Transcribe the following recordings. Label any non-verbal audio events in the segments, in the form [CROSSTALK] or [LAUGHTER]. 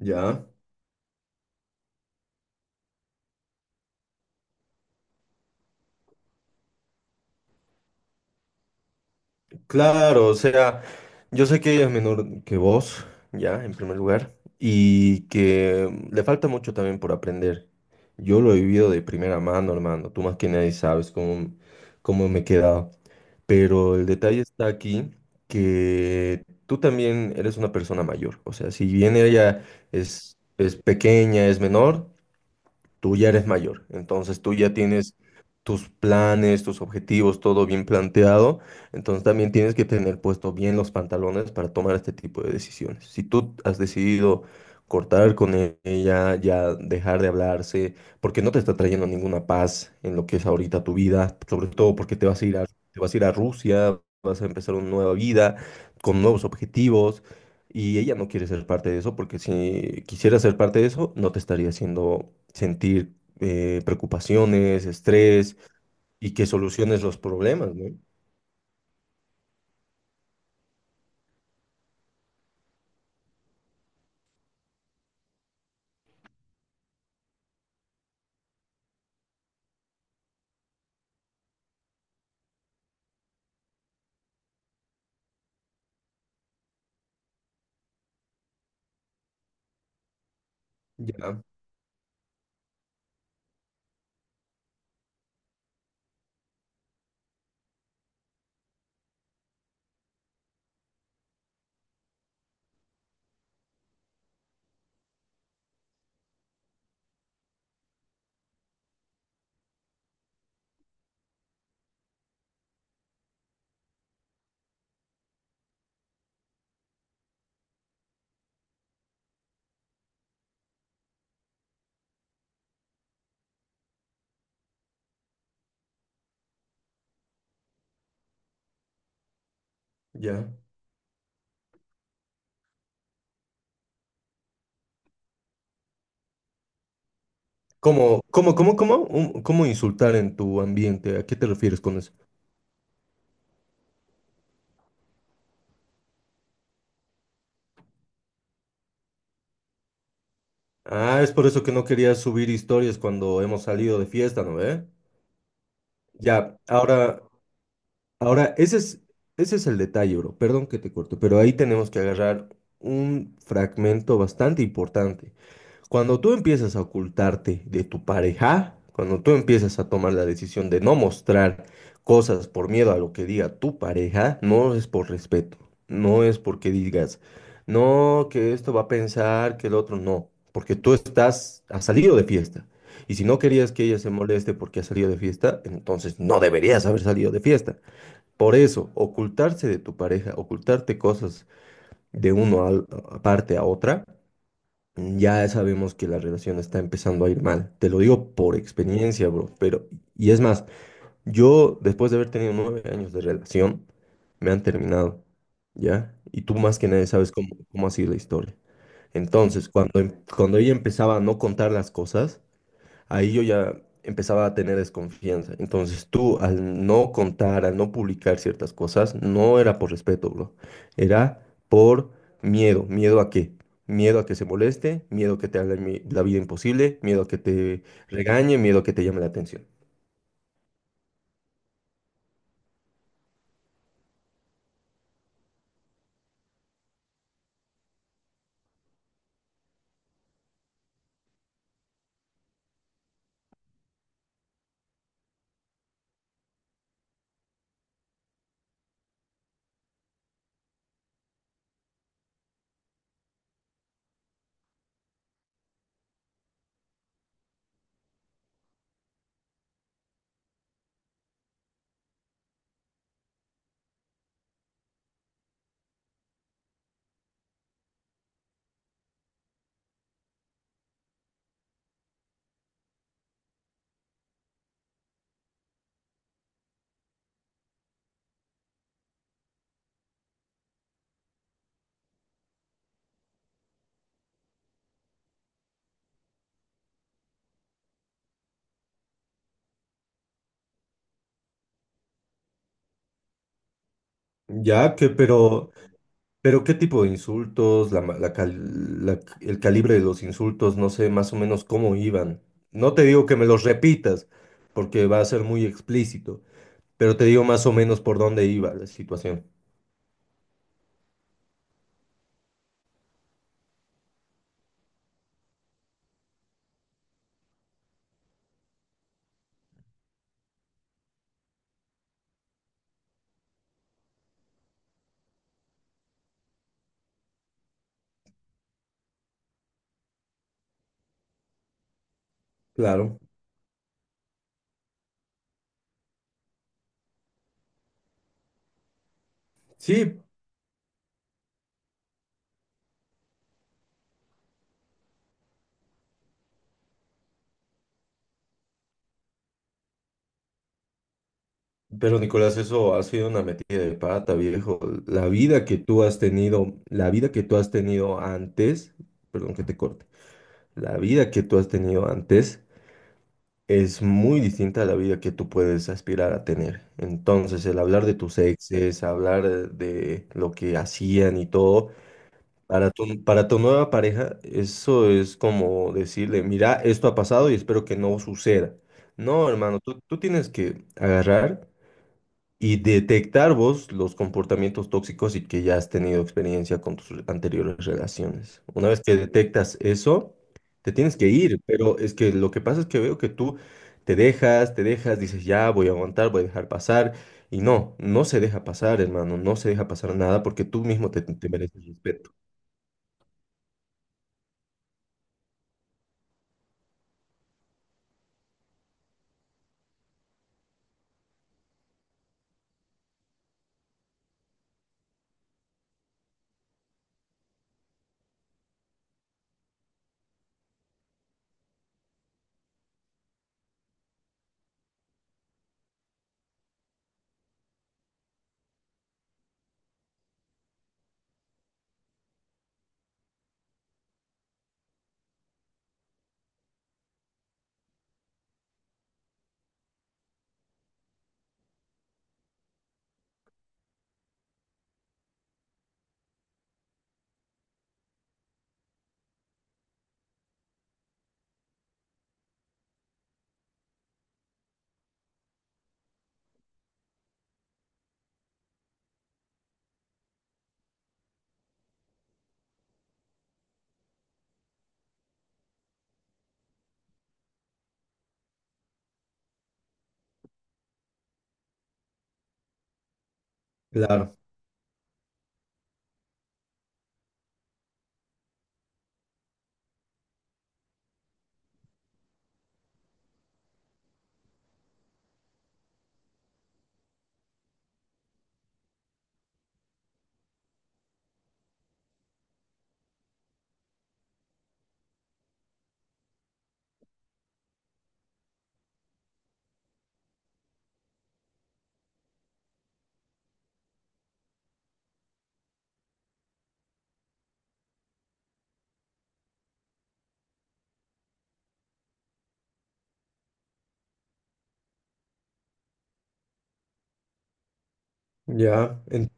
Ya, claro, o sea, yo sé que ella es menor que vos, ya, en primer lugar, y que le falta mucho también por aprender. Yo lo he vivido de primera mano, hermano, tú más que nadie sabes cómo me he quedado, pero el detalle está aquí que tú también eres una persona mayor, o sea, si bien ella es pequeña, es menor, tú ya eres mayor, entonces tú ya tienes tus planes, tus objetivos, todo bien planteado, entonces también tienes que tener puesto bien los pantalones para tomar este tipo de decisiones. Si tú has decidido cortar con ella, ya dejar de hablarse, porque no te está trayendo ninguna paz en lo que es ahorita tu vida, sobre todo porque te vas a ir a Rusia, vas a empezar una nueva vida con nuevos objetivos. Y ella no quiere ser parte de eso porque si quisiera ser parte de eso, no te estaría haciendo sentir preocupaciones, estrés y que soluciones los problemas, ¿no? Ya, ya. ¿Cómo insultar en tu ambiente? ¿A qué te refieres con eso? Ah, es por eso que no querías subir historias cuando hemos salido de fiesta, ¿no ve? Ya, ahora, ese es el detalle, bro. Perdón que te corto, pero ahí tenemos que agarrar un fragmento bastante importante. Cuando tú empiezas a ocultarte de tu pareja, cuando tú empiezas a tomar la decisión de no mostrar cosas por miedo a lo que diga tu pareja, no es por respeto, no es porque digas, no, que esto va a pensar, que el otro no, porque tú estás, has salido de fiesta. Y si no querías que ella se moleste porque has salido de fiesta, entonces no deberías haber salido de fiesta. Por eso, ocultarse de tu pareja, ocultarte cosas de uno a, parte a otra, ya sabemos que la relación está empezando a ir mal. Te lo digo por experiencia, bro. Pero, y es más, yo después de haber tenido 9 años de relación, me han terminado, ¿ya? Y tú más que nadie sabes cómo ha sido la historia. Entonces, cuando ella empezaba a no contar las cosas, ahí yo ya empezaba a tener desconfianza. Entonces tú, al no contar, al no publicar ciertas cosas, no era por respeto, bro. Era por miedo. ¿Miedo a qué? Miedo a que se moleste, miedo a que te haga la vida imposible, miedo a que te regañe, miedo a que te llame la atención. Ya, pero ¿qué tipo de insultos? La, ma- la cal- la- el calibre de los insultos, no sé más o menos cómo iban. No te digo que me los repitas, porque va a ser muy explícito. Pero te digo más o menos por dónde iba la situación. Claro. Sí, pero Nicolás, eso ha sido una metida de pata, viejo. La vida que tú has tenido, la vida que tú has tenido antes, perdón que te corte, la vida que tú has tenido antes es muy distinta a la vida que tú puedes aspirar a tener. Entonces, el hablar de tus exes, hablar de lo que hacían y todo, para tu nueva pareja, eso es como decirle, mira, esto ha pasado y espero que no suceda. No, hermano, tú tienes que agarrar y detectar vos los comportamientos tóxicos y que ya has tenido experiencia con tus anteriores relaciones. Una vez que detectas eso, te tienes que ir, pero es que lo que pasa es que veo que tú te dejas, dices, ya voy a aguantar, voy a dejar pasar. Y no, no se deja pasar, hermano, no se deja pasar nada porque tú mismo te mereces respeto. Claro. Ya,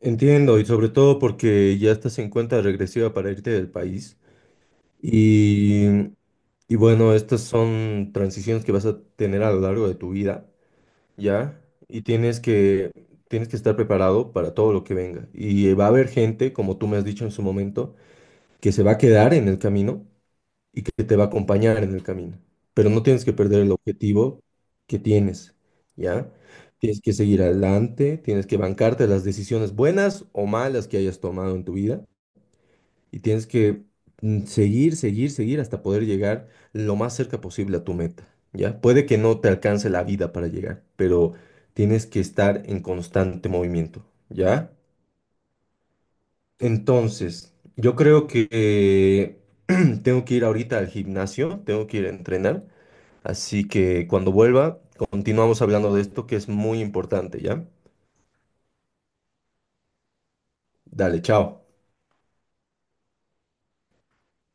entiendo, y sobre todo porque ya estás en cuenta regresiva para irte del país. Y, y bueno, estas son transiciones que vas a tener a lo largo de tu vida, ¿ya? Y tienes que estar preparado para todo lo que venga. Y va a haber gente, como tú me has dicho en su momento, que se va a quedar en el camino y que te va a acompañar en el camino. Pero no tienes que perder el objetivo que tienes, ¿ya? Tienes que seguir adelante, tienes que bancarte las decisiones buenas o malas que hayas tomado en tu vida y tienes que seguir hasta poder llegar lo más cerca posible a tu meta, ¿ya? Puede que no te alcance la vida para llegar, pero tienes que estar en constante movimiento, ¿ya? Entonces, yo creo que [CLEARS THROAT] tengo que ir ahorita al gimnasio, tengo que ir a entrenar. Así que cuando vuelva, continuamos hablando de esto que es muy importante, ¿ya? Dale, chao.